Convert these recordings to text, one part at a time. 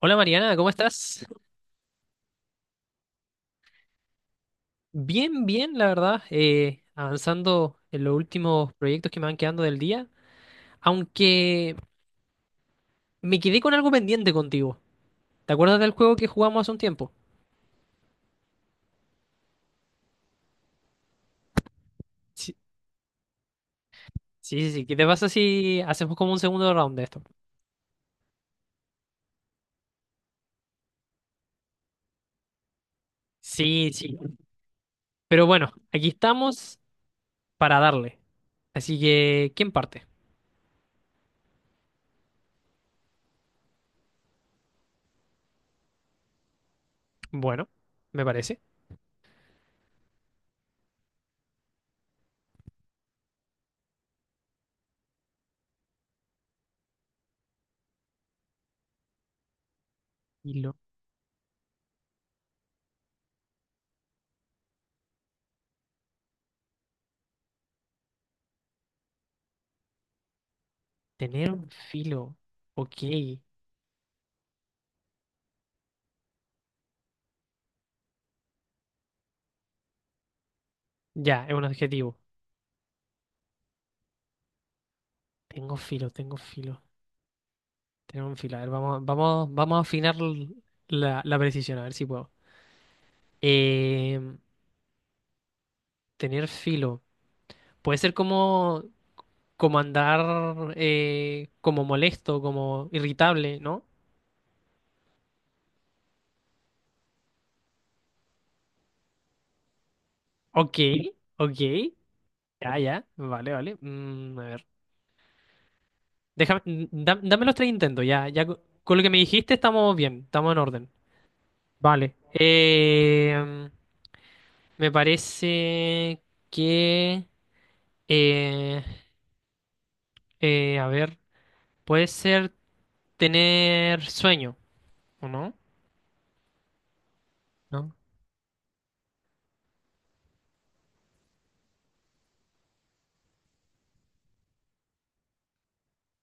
Hola Mariana, ¿cómo estás? Bien, bien, la verdad, avanzando en los últimos proyectos que me van quedando del día, aunque me quedé con algo pendiente contigo. ¿Te acuerdas del juego que jugamos hace un tiempo? Sí, sí, sí, sí, ¿qué te pasa si hacemos como un segundo round de esto? Sí, sí, pero bueno, aquí estamos para darle, así que, ¿quién parte? Bueno, me parece. Filo, tener un filo, ok, ya, es un adjetivo. Tengo filo, tengo filo. Tenemos un filo. A ver, vamos, vamos, vamos a afinar la precisión, a ver si puedo. Eh, tener filo. Puede ser como, como andar como molesto, como irritable, ¿no? Ok, ok. Ya, ya. Vale, vale. Mm, a ver. Déjame, dame los tres intentos. Ya, ya. Con lo que me dijiste estamos bien, estamos en orden. Vale. Me parece que... eh, a ver. Puede ser, tener sueño, ¿o no? ¿No?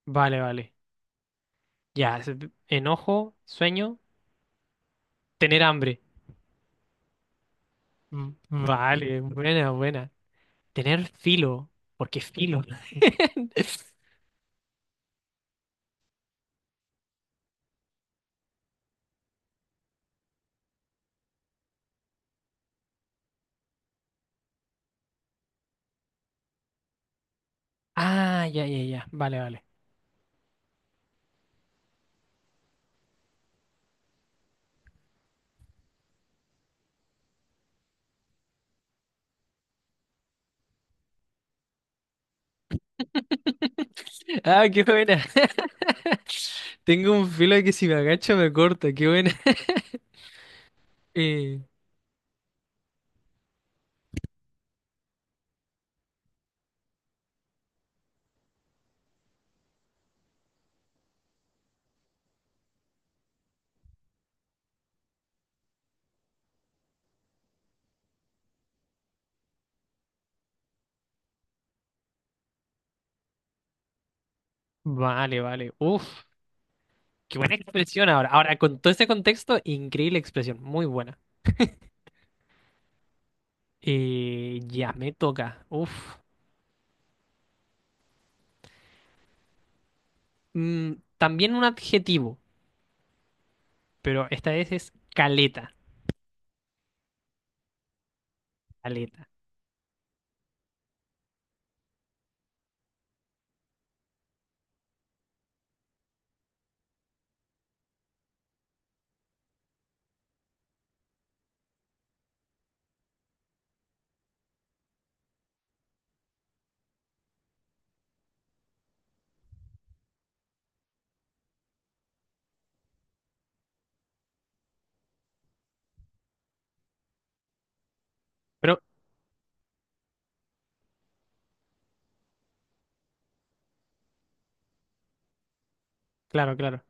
Vale, vale. Ya, enojo, sueño, tener hambre. Mm, vale, buena, buena. Tener filo, porque filo. Ah, ya, ya, ya. Vale, vale. Ah, qué buena. Tengo un filo que si me agacho me corta, qué buena. Eh, vale, vale. Uf, qué buena expresión ahora. Ahora, con todo este contexto, increíble expresión, muy buena. Ya, me toca. Uf. Mm, también un adjetivo, pero esta vez es caleta, caleta. Pero, claro, claro.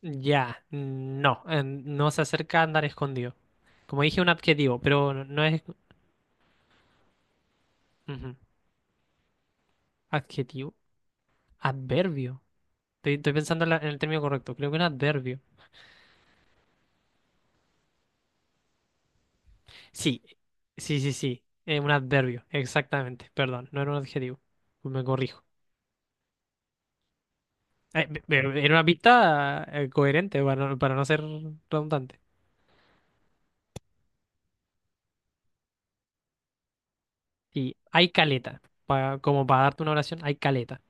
Ya, no, no se acerca a andar escondido. Como dije, un adjetivo, pero no no es... Ujú. Adjetivo. Adverbio. Estoy pensando en, en el término correcto. Creo que un adverbio. Sí, sí, sí, sí, un adverbio, exactamente. Perdón, no era un adjetivo. Me corrijo. Pero era una pista coherente para, para no ser redundante. Y hay caleta. Como para darte una oración, hay caleta.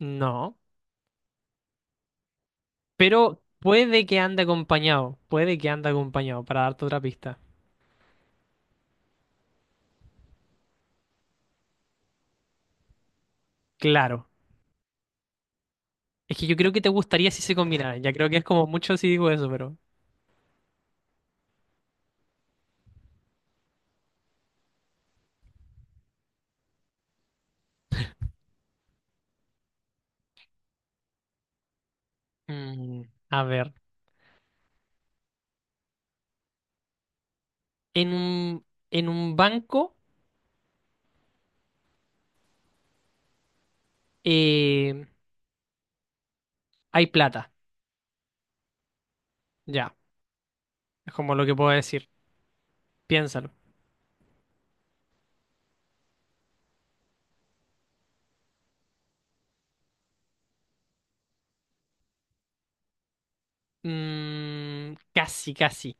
No. Pero puede que ande acompañado, puede que ande acompañado, para darte otra pista. Claro. Es que yo creo que te gustaría si se combinaran. Ya creo que es como mucho si digo eso, pero... Mm, a ver. En un, en un banco eh, hay plata. Ya. Es como lo que puedo decir. Piénsalo. Mm, casi, casi.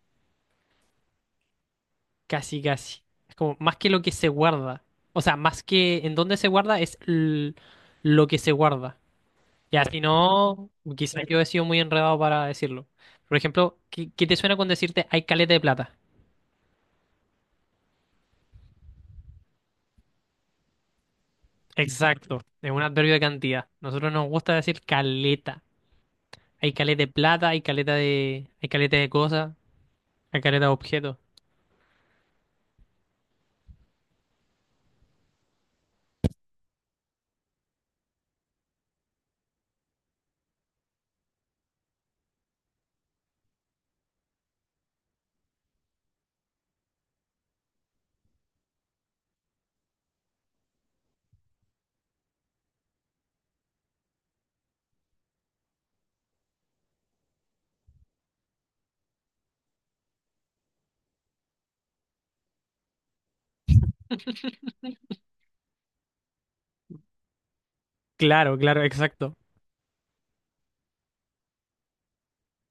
Casi, casi. Es como más que lo que se guarda. O sea, más que en dónde se guarda es lo que se guarda. Ya, si no, quizás yo he sido muy enredado para decirlo. Por ejemplo, ¿qué, qué te suena con decirte hay caleta de plata? Exacto, es un adverbio de cantidad. Nosotros nos gusta decir caleta. Hay caleta de plata, hay caleta de cosas, hay caleta de objetos. Claro, claro, exacto.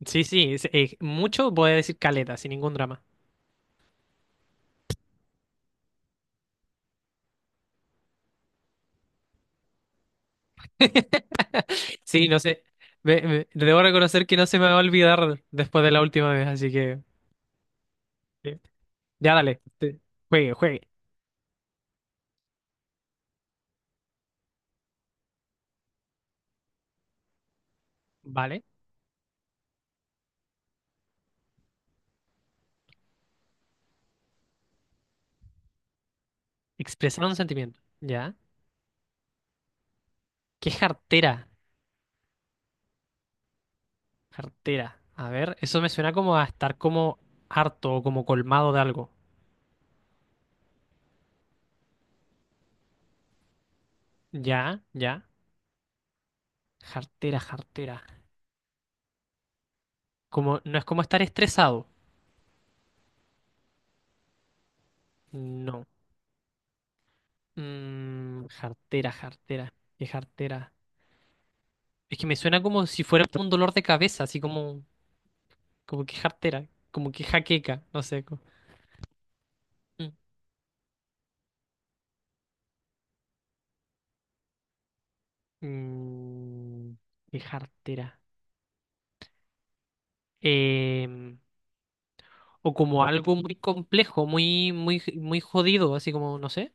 Sí, sí, mucho puede decir caleta, sin ningún drama. Sí, no sé. Debo reconocer que no se me va a olvidar después de la última vez, así que. Sí. Ya dale. Te- Juegue, juegue. Vale. Expresar un sentimiento. Ya. ¿Qué es jartera? Jartera. A ver, eso me suena como a estar como harto o como colmado de algo. Ya, ya. Jartera, jartera. Como, no es como estar estresado. No. Mm, jartera, jartera. ¿Qué jartera? Es que me suena como si fuera un dolor de cabeza, así como, como que jartera, como que jaqueca, no sé. Como- Mm, mm, ¿qué jartera? Em, o como algo muy complejo, muy jodido, así como, no sé.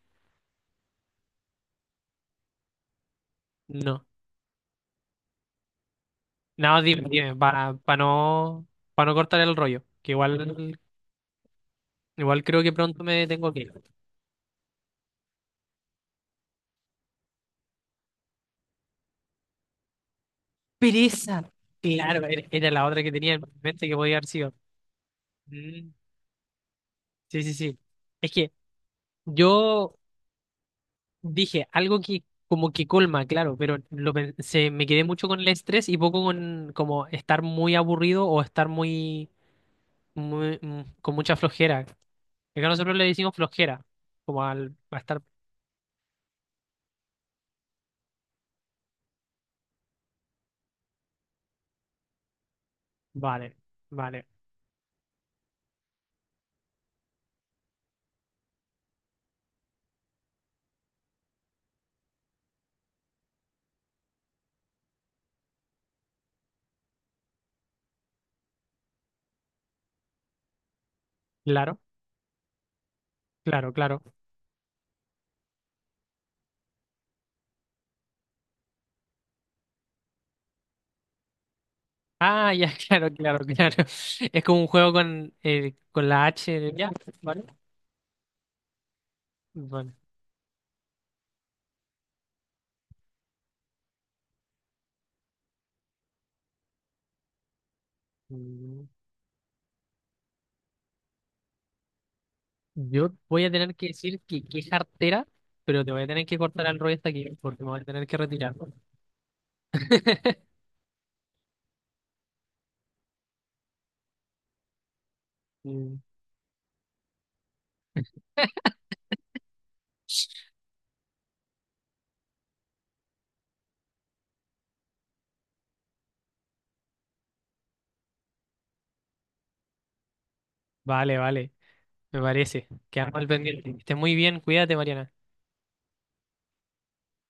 No. No, dime, dime, para no cortar el rollo, que igual, igual creo que pronto me tengo que ir. Pereza. Claro, era la otra que tenía en mente que podía haber sido. Mm, sí, sí, sí. Es que yo dije algo que como que colma, claro, pero lo pensé, me quedé mucho con el estrés y poco con como estar muy aburrido o estar muy, muy con mucha flojera. Acá nosotros le decimos flojera, como al, a estar, vale, vale, claro. Claro, claro. Ah, ya, claro, claro, claro. Es como un juego con la H. De- Ya, vale. Vale. Mm, yo voy a tener que decir que es artera, pero te voy a tener que cortar al rollo hasta aquí porque me voy a tener que retirar. Mm, vale, vale. Me parece. Quedamos al pendiente. Que estés muy bien. Cuídate, Mariana.